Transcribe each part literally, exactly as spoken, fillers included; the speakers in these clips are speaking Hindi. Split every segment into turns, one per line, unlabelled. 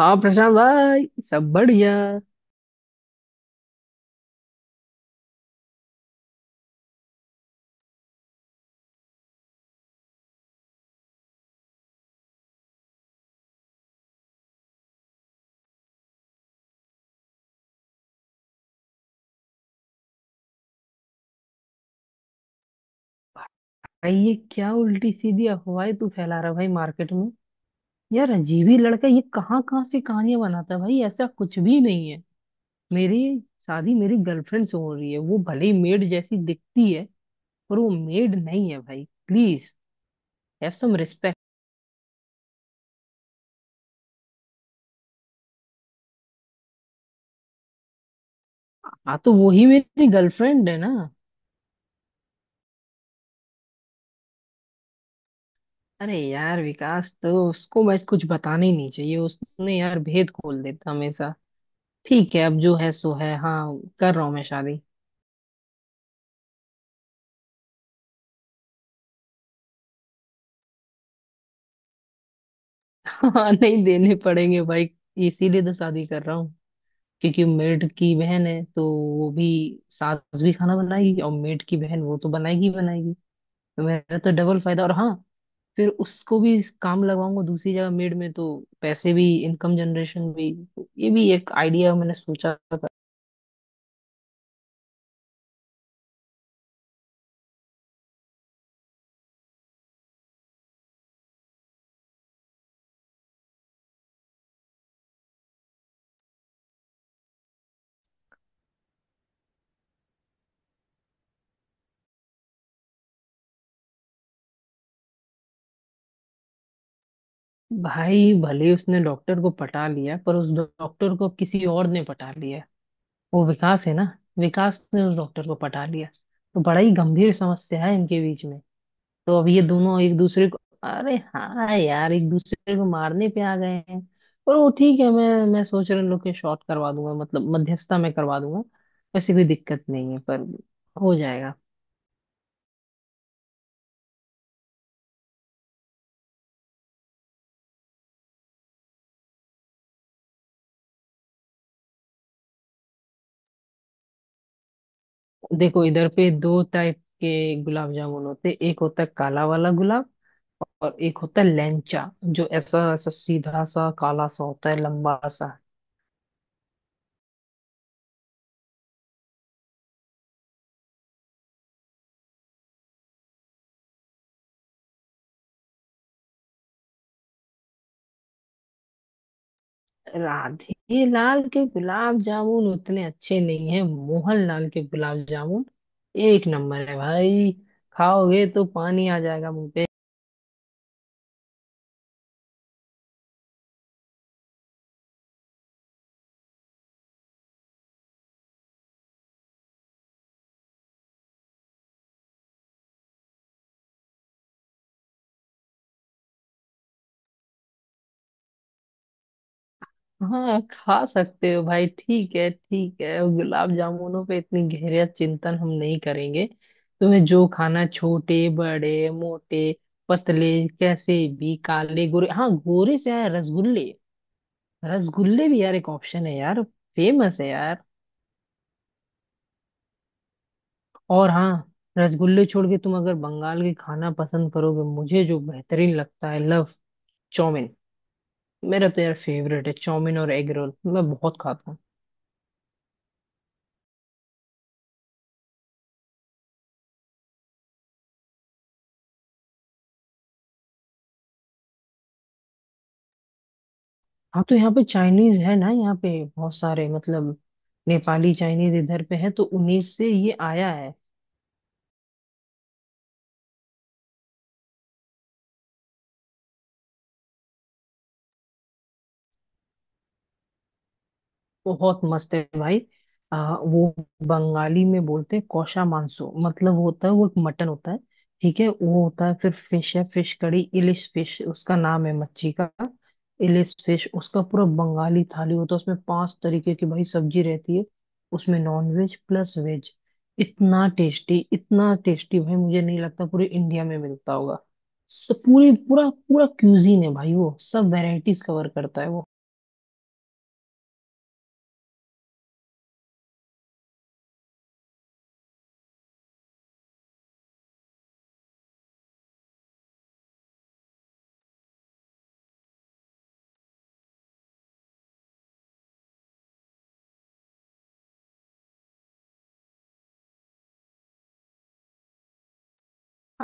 हाँ प्रशांत भाई। सब बढ़िया। भाई ये क्या उल्टी सीधी अफवाहें तू फैला रहा है भाई मार्केट में। यार अजीब ही लड़का ये कहाँ कहाँ से कहानियां बनाता है भाई। ऐसा कुछ भी नहीं है। मेरी शादी मेरी गर्लफ्रेंड से हो रही है। वो भले ही मेड जैसी दिखती है पर वो मेड नहीं है भाई। Please have some respect. हाँ तो वो ही मेरी गर्लफ्रेंड है ना। अरे यार विकास तो उसको मैं कुछ बताना ही नहीं चाहिए। उसने यार भेद खोल देता हमेशा। ठीक है अब जो है सो है। हाँ कर रहा हूँ मैं शादी। हाँ नहीं देने पड़ेंगे भाई। इसीलिए तो शादी कर रहा हूँ क्योंकि मेड की बहन है तो वो भी। सास भी खाना बनाएगी और मेड की बहन वो तो बनाएगी ही बनाएगी। तो मेरा तो डबल फायदा। और हाँ, फिर उसको भी काम लगवाऊंगा दूसरी जगह मेड में तो पैसे भी, इनकम जनरेशन भी। तो ये भी एक आइडिया मैंने सोचा था। भाई भले ही उसने डॉक्टर को पटा लिया पर उस डॉक्टर को किसी और ने पटा लिया। वो विकास है ना, विकास ने उस डॉक्टर को पटा लिया। तो बड़ा ही गंभीर समस्या है इनके बीच में। तो अब ये दोनों एक दूसरे को, अरे हाँ यार, एक दूसरे को मारने पे आ गए हैं। पर वो ठीक है, मैं मैं सोच रहा हूँ इन लोग के शॉर्ट करवा दूंगा, मतलब मध्यस्थता में करवा दूंगा। वैसे कोई दिक्कत नहीं है, पर हो जाएगा। देखो इधर पे दो टाइप के गुलाब जामुन होते। एक होता है काला वाला गुलाब और एक होता है लैंचा जो ऐसा ऐसा सीधा सा काला सा होता है लंबा सा। राधे लाल के गुलाब जामुन उतने अच्छे नहीं है। मोहन लाल के गुलाब जामुन एक नंबर है भाई। खाओगे तो पानी आ जाएगा मुंह पे। हाँ खा सकते हो भाई। ठीक है, ठीक है, गुलाब जामुनों पे इतनी गहरा चिंतन हम नहीं करेंगे। तुम्हें जो खाना है, छोटे बड़े मोटे पतले कैसे भी, काले गोरे। हाँ, गोरे से आया रसगुल्ले। रसगुल्ले भी यार एक ऑप्शन है यार। फेमस है यार। और हाँ, रसगुल्ले छोड़ के तुम अगर बंगाल के खाना पसंद करोगे, मुझे जो बेहतरीन लगता है, लव चाउमीन। मेरा तो यार फेवरेट है चाउमीन और एग रोल। मैं बहुत खाता हूँ। हाँ तो यहाँ पे चाइनीज है ना, यहाँ पे बहुत सारे मतलब नेपाली चाइनीज इधर पे है, तो उन्हीं से ये आया है। बहुत मस्त है भाई। आ, वो बंगाली में बोलते हैं कौशा मांसो, मतलब होता है वो एक मटन होता है। ठीक है, वो होता है। फिर फिश है, फिश कड़ी, इलिश फिश उसका नाम है, मच्छी का। इलिश फिश उसका पूरा बंगाली थाली होता है, उसमें पाँच तरीके की भाई सब्जी रहती है। उसमें नॉन वेज प्लस वेज। इतना टेस्टी, इतना टेस्टी भाई, मुझे नहीं लगता पूरे इंडिया में मिलता होगा। स- पूरे पूरा पूरा क्यूजीन है भाई वो, सब वेराइटीज कवर करता है वो।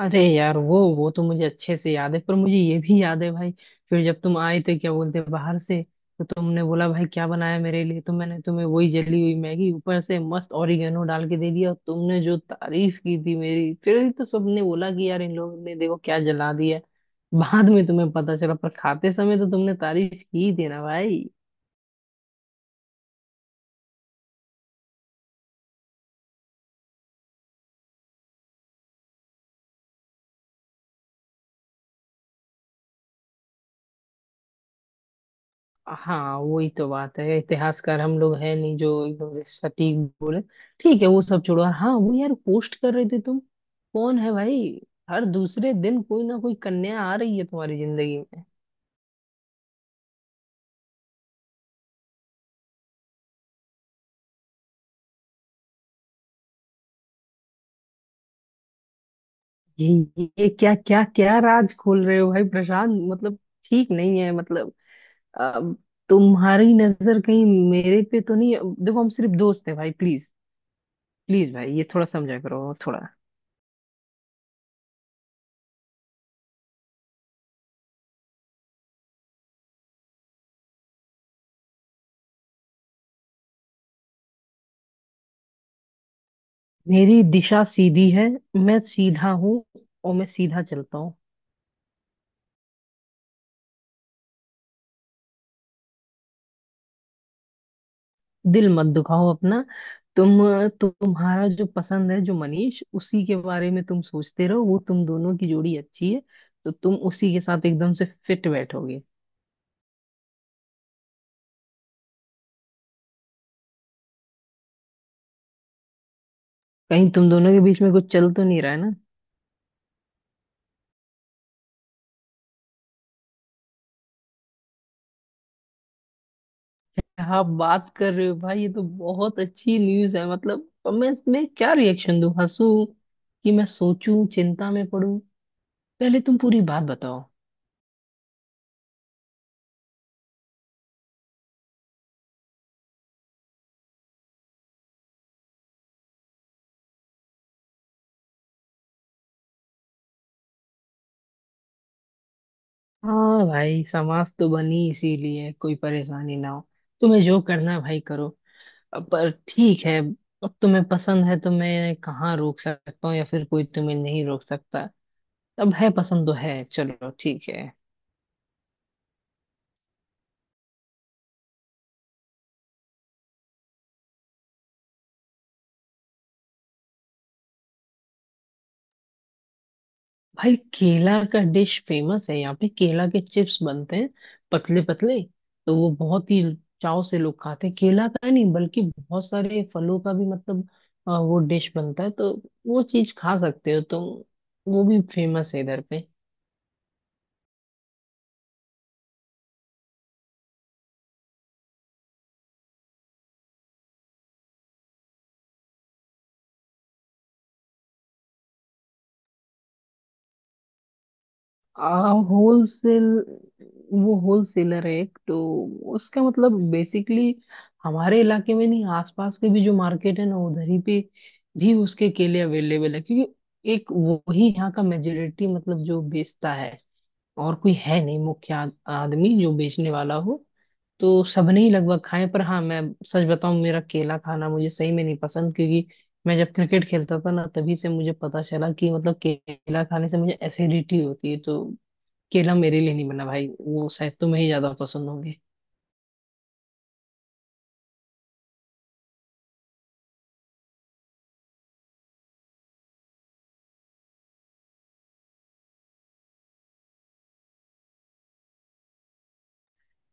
अरे यार, वो वो तो मुझे अच्छे से याद है पर मुझे ये भी याद है भाई, फिर जब तुम आए थे, क्या बोलते हैं, बाहर से, तो तुमने बोला भाई क्या बनाया मेरे लिए, तो मैंने तुम्हें वही जली हुई मैगी ऊपर से मस्त ओरिगेनो डाल के दे दिया, और तुमने जो तारीफ की थी मेरी, फिर ही तो सबने बोला कि यार इन लोगों ने देखो क्या जला दिया। बाद में तुम्हें पता चला, पर खाते समय तो तुमने तारीफ की थी ना भाई। हाँ वही तो बात है, इतिहासकार हम लोग है नहीं जो एकदम से सटीक बोले। ठीक है, वो सब छोड़ो। और हाँ वो यार, पोस्ट कर रहे थे तुम, कौन है भाई? हर दूसरे दिन कोई ना कोई कन्या आ रही है तुम्हारी जिंदगी में। ये ये क्या क्या क्या राज खोल रहे हो भाई प्रशांत, मतलब ठीक नहीं है मतलब। अब तुम्हारी नजर कहीं मेरे पे तो नहीं है? देखो हम सिर्फ दोस्त हैं भाई, प्लीज। प्लीज भाई ये थोड़ा समझा करो थोड़ा। मेरी दिशा सीधी है। मैं सीधा हूँ। और मैं सीधा चलता हूँ। दिल मत दुखाओ अपना। तुम तुम्हारा जो पसंद है, जो मनीष, उसी के बारे में तुम सोचते रहो। वो तुम दोनों की जोड़ी अच्छी है, तो तुम उसी के साथ एकदम से फिट बैठोगे। कहीं तुम दोनों के बीच में कुछ चल तो नहीं रहा है ना? क्या बात कर रहे हो भाई, ये तो बहुत अच्छी न्यूज है। मतलब अब मैं इसमें क्या रिएक्शन दूं, हंसूं कि मैं सोचूं, चिंता में पड़ूं? पहले तुम पूरी बात बताओ। हाँ भाई, समाज तो बनी इसीलिए कोई परेशानी ना हो। तुम्हें जो करना है भाई करो। अब पर ठीक है, अब तुम्हें पसंद है तो मैं कहाँ रोक सकता हूँ, या फिर कोई तुम्हें नहीं रोक सकता। अब है पसंद तो है, चलो ठीक है। भाई केला का डिश फेमस है, यहाँ पे केला के चिप्स बनते हैं, पतले पतले। तो वो बहुत ही चाव से लोग खाते हैं। केला का ही नहीं बल्कि बहुत सारे फलों का भी मतलब अ, वो डिश बनता है, तो वो चीज खा सकते हो तुम। वो भी फेमस है इधर पे। आ, होलसेल, वो होलसेलर है एक तो। उसका मतलब बेसिकली हमारे इलाके में नहीं, आसपास के भी जो मार्केट है ना उधर ही पे भी उसके केले अवेलेबल है, क्योंकि एक वो ही यहाँ का मेजोरिटी मतलब जो बेचता है। और कोई है नहीं मुख्य आद- आदमी जो बेचने वाला हो। तो सबने ही लगभग खाए, पर हाँ मैं सच बताऊं, मेरा केला खाना मुझे सही में नहीं पसंद, क्योंकि मैं जब क्रिकेट खेलता था ना, तभी से मुझे पता चला कि मतलब केला खाने से मुझे एसिडिटी होती है। तो केला मेरे लिए नहीं बना भाई, वो शायद तुम्हें ही ज्यादा पसंद होंगे।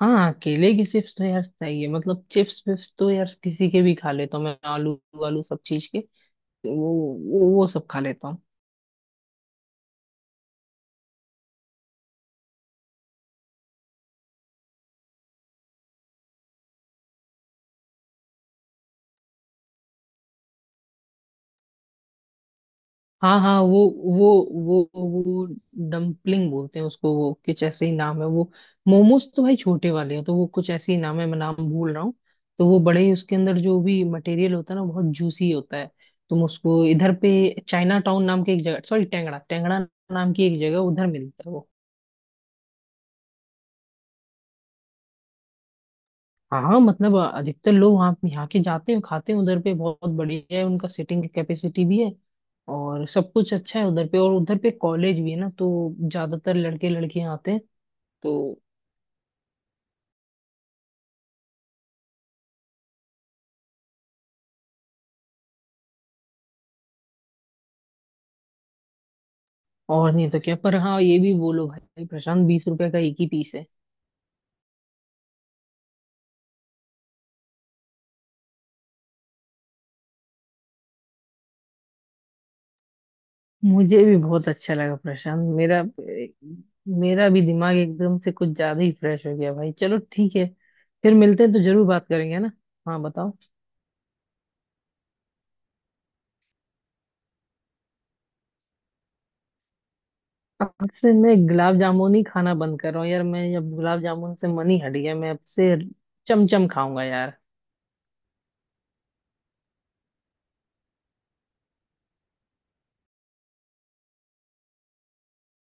हाँ केले की चिप्स तो यार चाहिए, मतलब चिप्स विप्स तो यार किसी के भी खा लेता हूँ मैं। आलू, आलू सब चीज के, वो वो वो सब खा लेता हूँ। हाँ हाँ, वो वो वो वो डम्पलिंग बोलते हैं उसको, वो कुछ ऐसे ही नाम है वो। मोमोज तो भाई छोटे वाले हैं, तो वो कुछ ऐसे ही नाम है, मैं नाम भूल रहा हूँ। तो वो बड़े ही, उसके अंदर जो भी मटेरियल होता है ना, बहुत जूसी होता है। तुम उसको इधर पे चाइना टाउन नाम की एक जगह, सॉरी टेंगड़ा टेंगड़ा नाम की एक जगह उधर मिलता है वो। हाँ हाँ, मतलब अधिकतर लोग वहाँ, यहाँ के जाते हैं खाते हैं उधर पे, बहुत बढ़िया है उनका, सिटिंग की कैपेसिटी भी है और सब कुछ अच्छा है उधर पे। और उधर पे कॉलेज भी है ना, तो ज्यादातर लड़के लड़कियां आते हैं। तो और नहीं तो क्या, पर हाँ ये भी बोलो भाई प्रशांत, बीस रुपए का एक ही पीस है। मुझे भी बहुत अच्छा लगा प्रशांत मेरा। मेरा भी दिमाग एकदम से कुछ ज्यादा ही फ्रेश हो गया भाई, चलो ठीक है। फिर मिलते हैं तो जरूर बात करेंगे, है ना। हाँ बताओ। अब से मैं गुलाब जामुन ही खाना बंद कर रहा हूँ यार। मैं अब गुलाब जामुन से मन ही हट गया। मैं अब से चमचम खाऊंगा यार।